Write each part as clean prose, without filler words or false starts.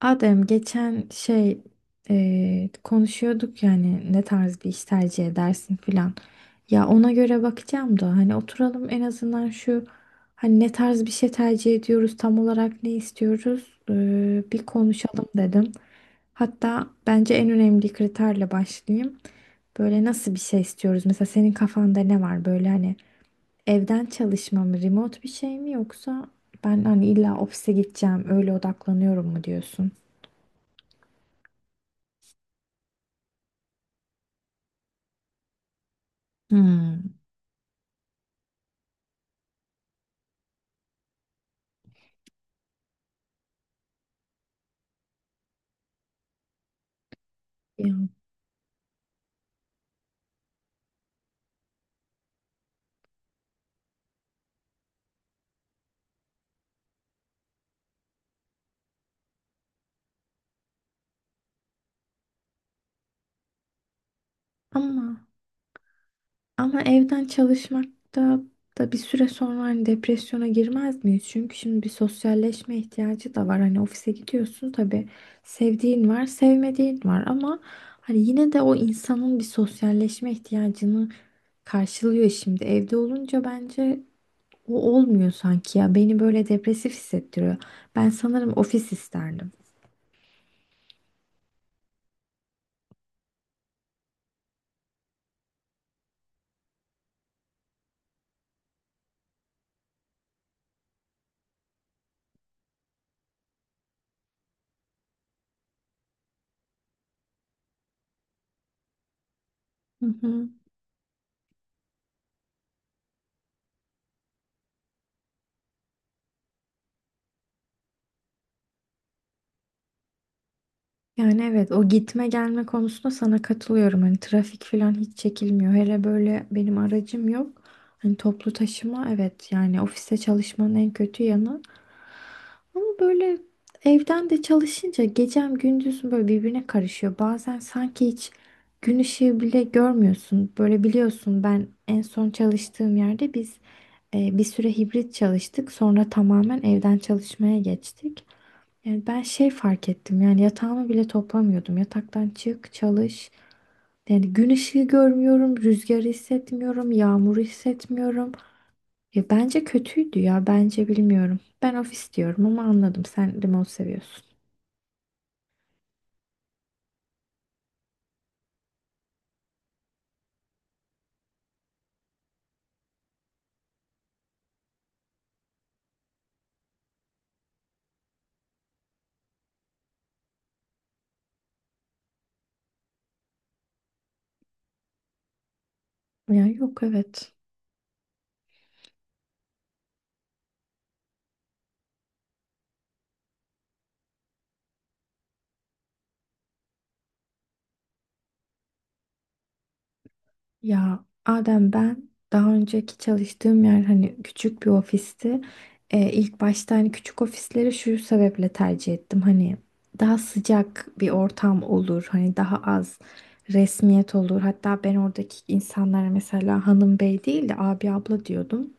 Adem geçen şey konuşuyorduk yani ne tarz bir iş tercih edersin filan. Ya ona göre bakacağım da hani oturalım en azından şu hani ne tarz bir şey tercih ediyoruz tam olarak ne istiyoruz bir konuşalım dedim. Hatta bence en önemli kriterle başlayayım. Böyle nasıl bir şey istiyoruz? Mesela senin kafanda ne var böyle hani evden çalışma mı remote bir şey mi yoksa ben hani illa ofise gideceğim öyle odaklanıyorum mu diyorsun? Hmm. Ya, ama ama evden çalışmakta da bir süre sonra hani depresyona girmez miyiz? Çünkü şimdi bir sosyalleşme ihtiyacı da var. Hani ofise gidiyorsun tabii sevdiğin var, sevmediğin var ama hani yine de o insanın bir sosyalleşme ihtiyacını karşılıyor şimdi. Evde olunca bence o olmuyor sanki ya. Beni böyle depresif hissettiriyor. Ben sanırım ofis isterdim. Hı hı. Yani evet o gitme gelme konusunda sana katılıyorum. Hani trafik falan hiç çekilmiyor. Hele böyle benim aracım yok. Hani toplu taşıma evet yani ofiste çalışmanın en kötü yanı. Ama böyle evden de çalışınca gecem gündüzüm böyle birbirine karışıyor. Bazen sanki hiç gün ışığı bile görmüyorsun. Böyle biliyorsun ben en son çalıştığım yerde biz bir süre hibrit çalıştık. Sonra tamamen evden çalışmaya geçtik. Yani ben şey fark ettim yani yatağımı bile toplamıyordum. Yataktan çık, çalış. Yani gün ışığı görmüyorum, rüzgarı hissetmiyorum, yağmuru hissetmiyorum. Ya bence kötüydü ya bence bilmiyorum. Ben ofis diyorum ama anladım sen remote seviyorsun. Ya yok evet. Ya Adem ben daha önceki çalıştığım yer hani küçük bir ofisti. İlk başta hani küçük ofisleri şu sebeple tercih ettim. Hani daha sıcak bir ortam olur. Hani daha az resmiyet olur. Hatta ben oradaki insanlara mesela hanım bey değil de abi abla diyordum.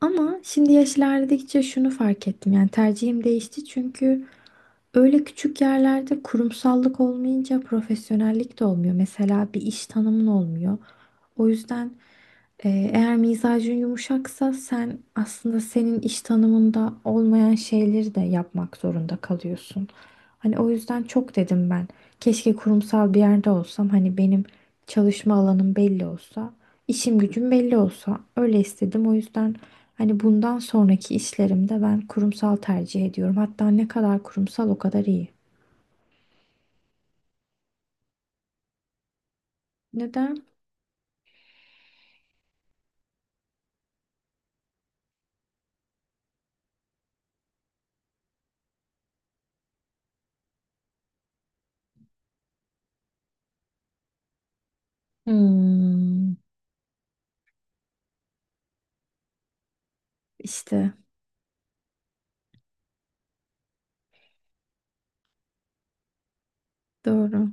Ama şimdi yaş ilerledikçe şunu fark ettim. Yani tercihim değişti çünkü öyle küçük yerlerde kurumsallık olmayınca profesyonellik de olmuyor. Mesela bir iş tanımın olmuyor. O yüzden eğer mizacın yumuşaksa sen aslında senin iş tanımında olmayan şeyleri de yapmak zorunda kalıyorsun. Hani o yüzden çok dedim ben. Keşke kurumsal bir yerde olsam hani benim çalışma alanım belli olsa, işim gücüm belli olsa öyle istedim. O yüzden hani bundan sonraki işlerimde ben kurumsal tercih ediyorum. Hatta ne kadar kurumsal o kadar iyi. Neden? Hmm. İşte doğru.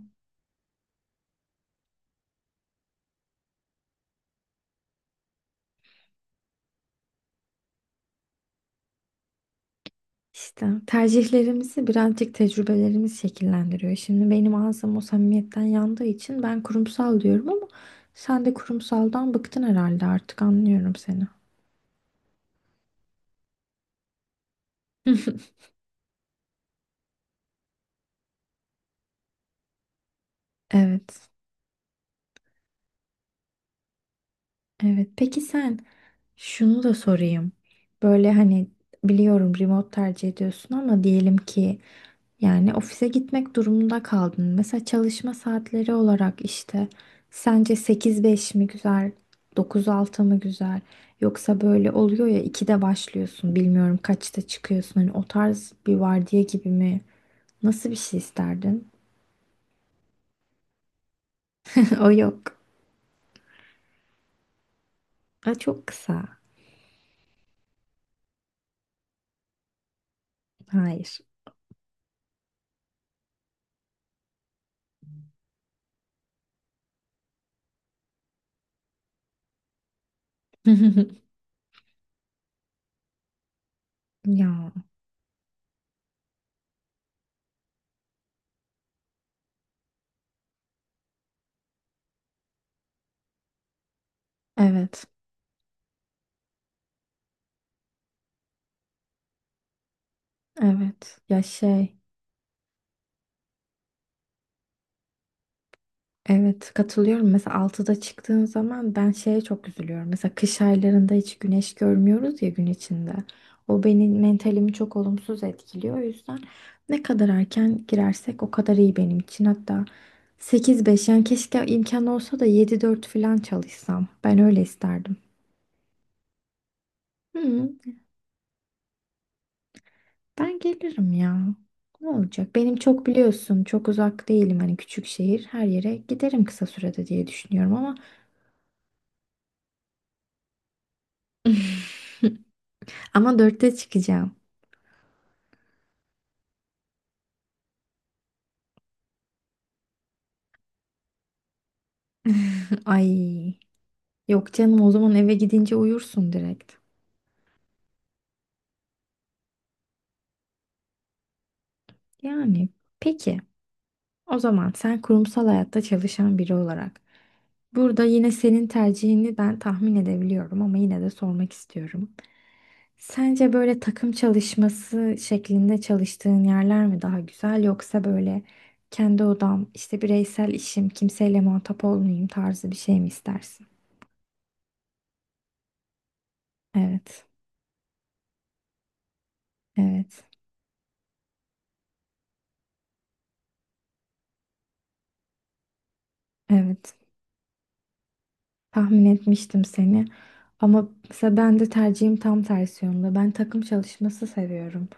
İşte tercihlerimizi birazcık tecrübelerimiz şekillendiriyor. Şimdi benim ağzım o samimiyetten yandığı için ben kurumsal diyorum ama sen de kurumsaldan bıktın herhalde artık anlıyorum seni. Evet, evet. Peki sen şunu da sorayım. Böyle hani biliyorum remote tercih ediyorsun ama diyelim ki yani ofise gitmek durumunda kaldın. Mesela çalışma saatleri olarak işte sence 8-5 mi güzel, 9-6 mı güzel? Yoksa böyle oluyor ya 2'de başlıyorsun, bilmiyorum kaçta çıkıyorsun. Hani o tarz bir vardiya gibi mi? Nasıl bir şey isterdin? O yok. Aa, çok kısa. Hayır. Ya evet, evet. Ya şey. Evet katılıyorum. Mesela 6'da çıktığın zaman ben şeye çok üzülüyorum. Mesela kış aylarında hiç güneş görmüyoruz ya gün içinde. O benim mentalimi çok olumsuz etkiliyor. O yüzden ne kadar erken girersek o kadar iyi benim için. Hatta 8-5, yani keşke imkan olsa da 7-4 falan çalışsam. Ben öyle isterdim. Hı, ben gelirim ya. Ne olacak? Benim çok biliyorsun çok uzak değilim. Hani küçük şehir her yere giderim kısa sürede diye düşünüyorum ama 4'te çıkacağım. Ay yok canım o zaman eve gidince uyursun direkt. Yani peki o zaman sen kurumsal hayatta çalışan biri olarak burada yine senin tercihini ben tahmin edebiliyorum ama yine de sormak istiyorum. Sence böyle takım çalışması şeklinde çalıştığın yerler mi daha güzel yoksa böyle kendi odam işte bireysel işim kimseyle muhatap olmayayım tarzı bir şey mi istersin? Evet, evet, evet. Tahmin etmiştim seni. Ama mesela ben de tercihim tam tersi yönde. Ben takım çalışması seviyorum.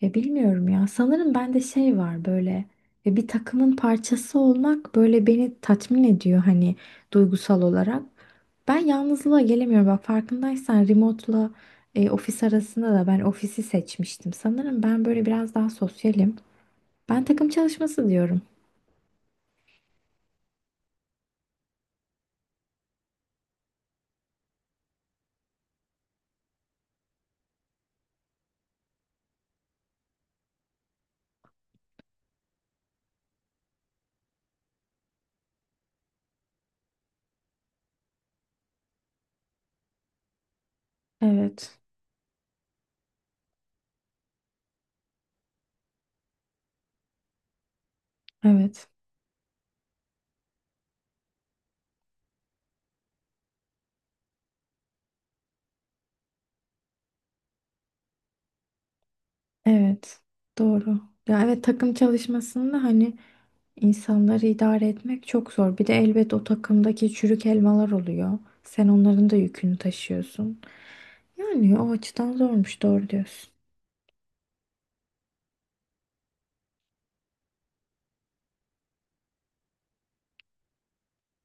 Ya bilmiyorum ya. Sanırım bende şey var böyle. Ya bir takımın parçası olmak böyle beni tatmin ediyor hani duygusal olarak. Ben yalnızlığa gelemiyorum. Bak farkındaysan remote'la ofis arasında da ben ofisi seçmiştim. Sanırım ben böyle biraz daha sosyalim. Ben takım çalışması diyorum. Evet. Evet. Evet. Doğru. Ya evet takım çalışmasında hani İnsanları idare etmek çok zor. Bir de elbet o takımdaki çürük elmalar oluyor. Sen onların da yükünü taşıyorsun. Yani o açıdan zormuş, doğru diyorsun.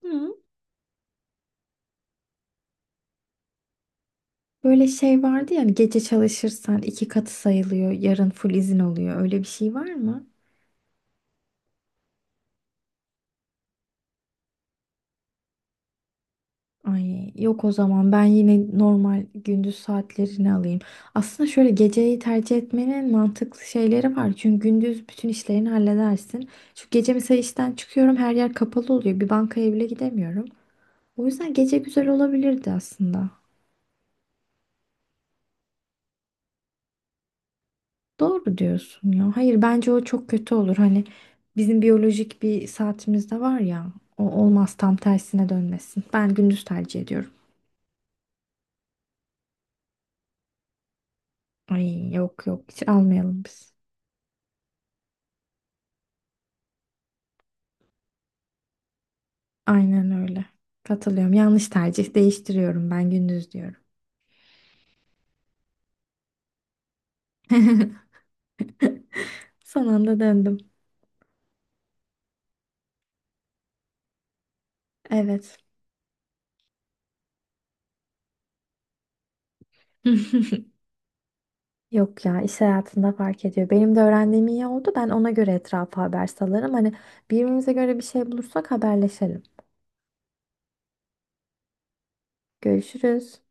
Hı. Böyle şey vardı ya, hani gece çalışırsan iki katı sayılıyor, yarın full izin oluyor. Öyle bir şey var mı? Ay yok o zaman ben yine normal gündüz saatlerini alayım. Aslında şöyle geceyi tercih etmenin mantıklı şeyleri var. Çünkü gündüz bütün işlerini halledersin. Şu gece mesela işten çıkıyorum her yer kapalı oluyor. Bir bankaya bile gidemiyorum. O yüzden gece güzel olabilirdi aslında. Doğru diyorsun ya. Hayır bence o çok kötü olur. Hani bizim biyolojik bir saatimiz de var ya. O olmaz tam tersine dönmesin. Ben gündüz tercih ediyorum. Ay yok yok hiç almayalım biz. Aynen öyle. Katılıyorum. Yanlış tercih değiştiriyorum ben gündüz diyorum. Son anda döndüm. Evet. Yok ya iş hayatında fark ediyor. Benim de öğrendiğim iyi oldu. Ben ona göre etrafa haber salarım. Hani birbirimize göre bir şey bulursak haberleşelim. Görüşürüz.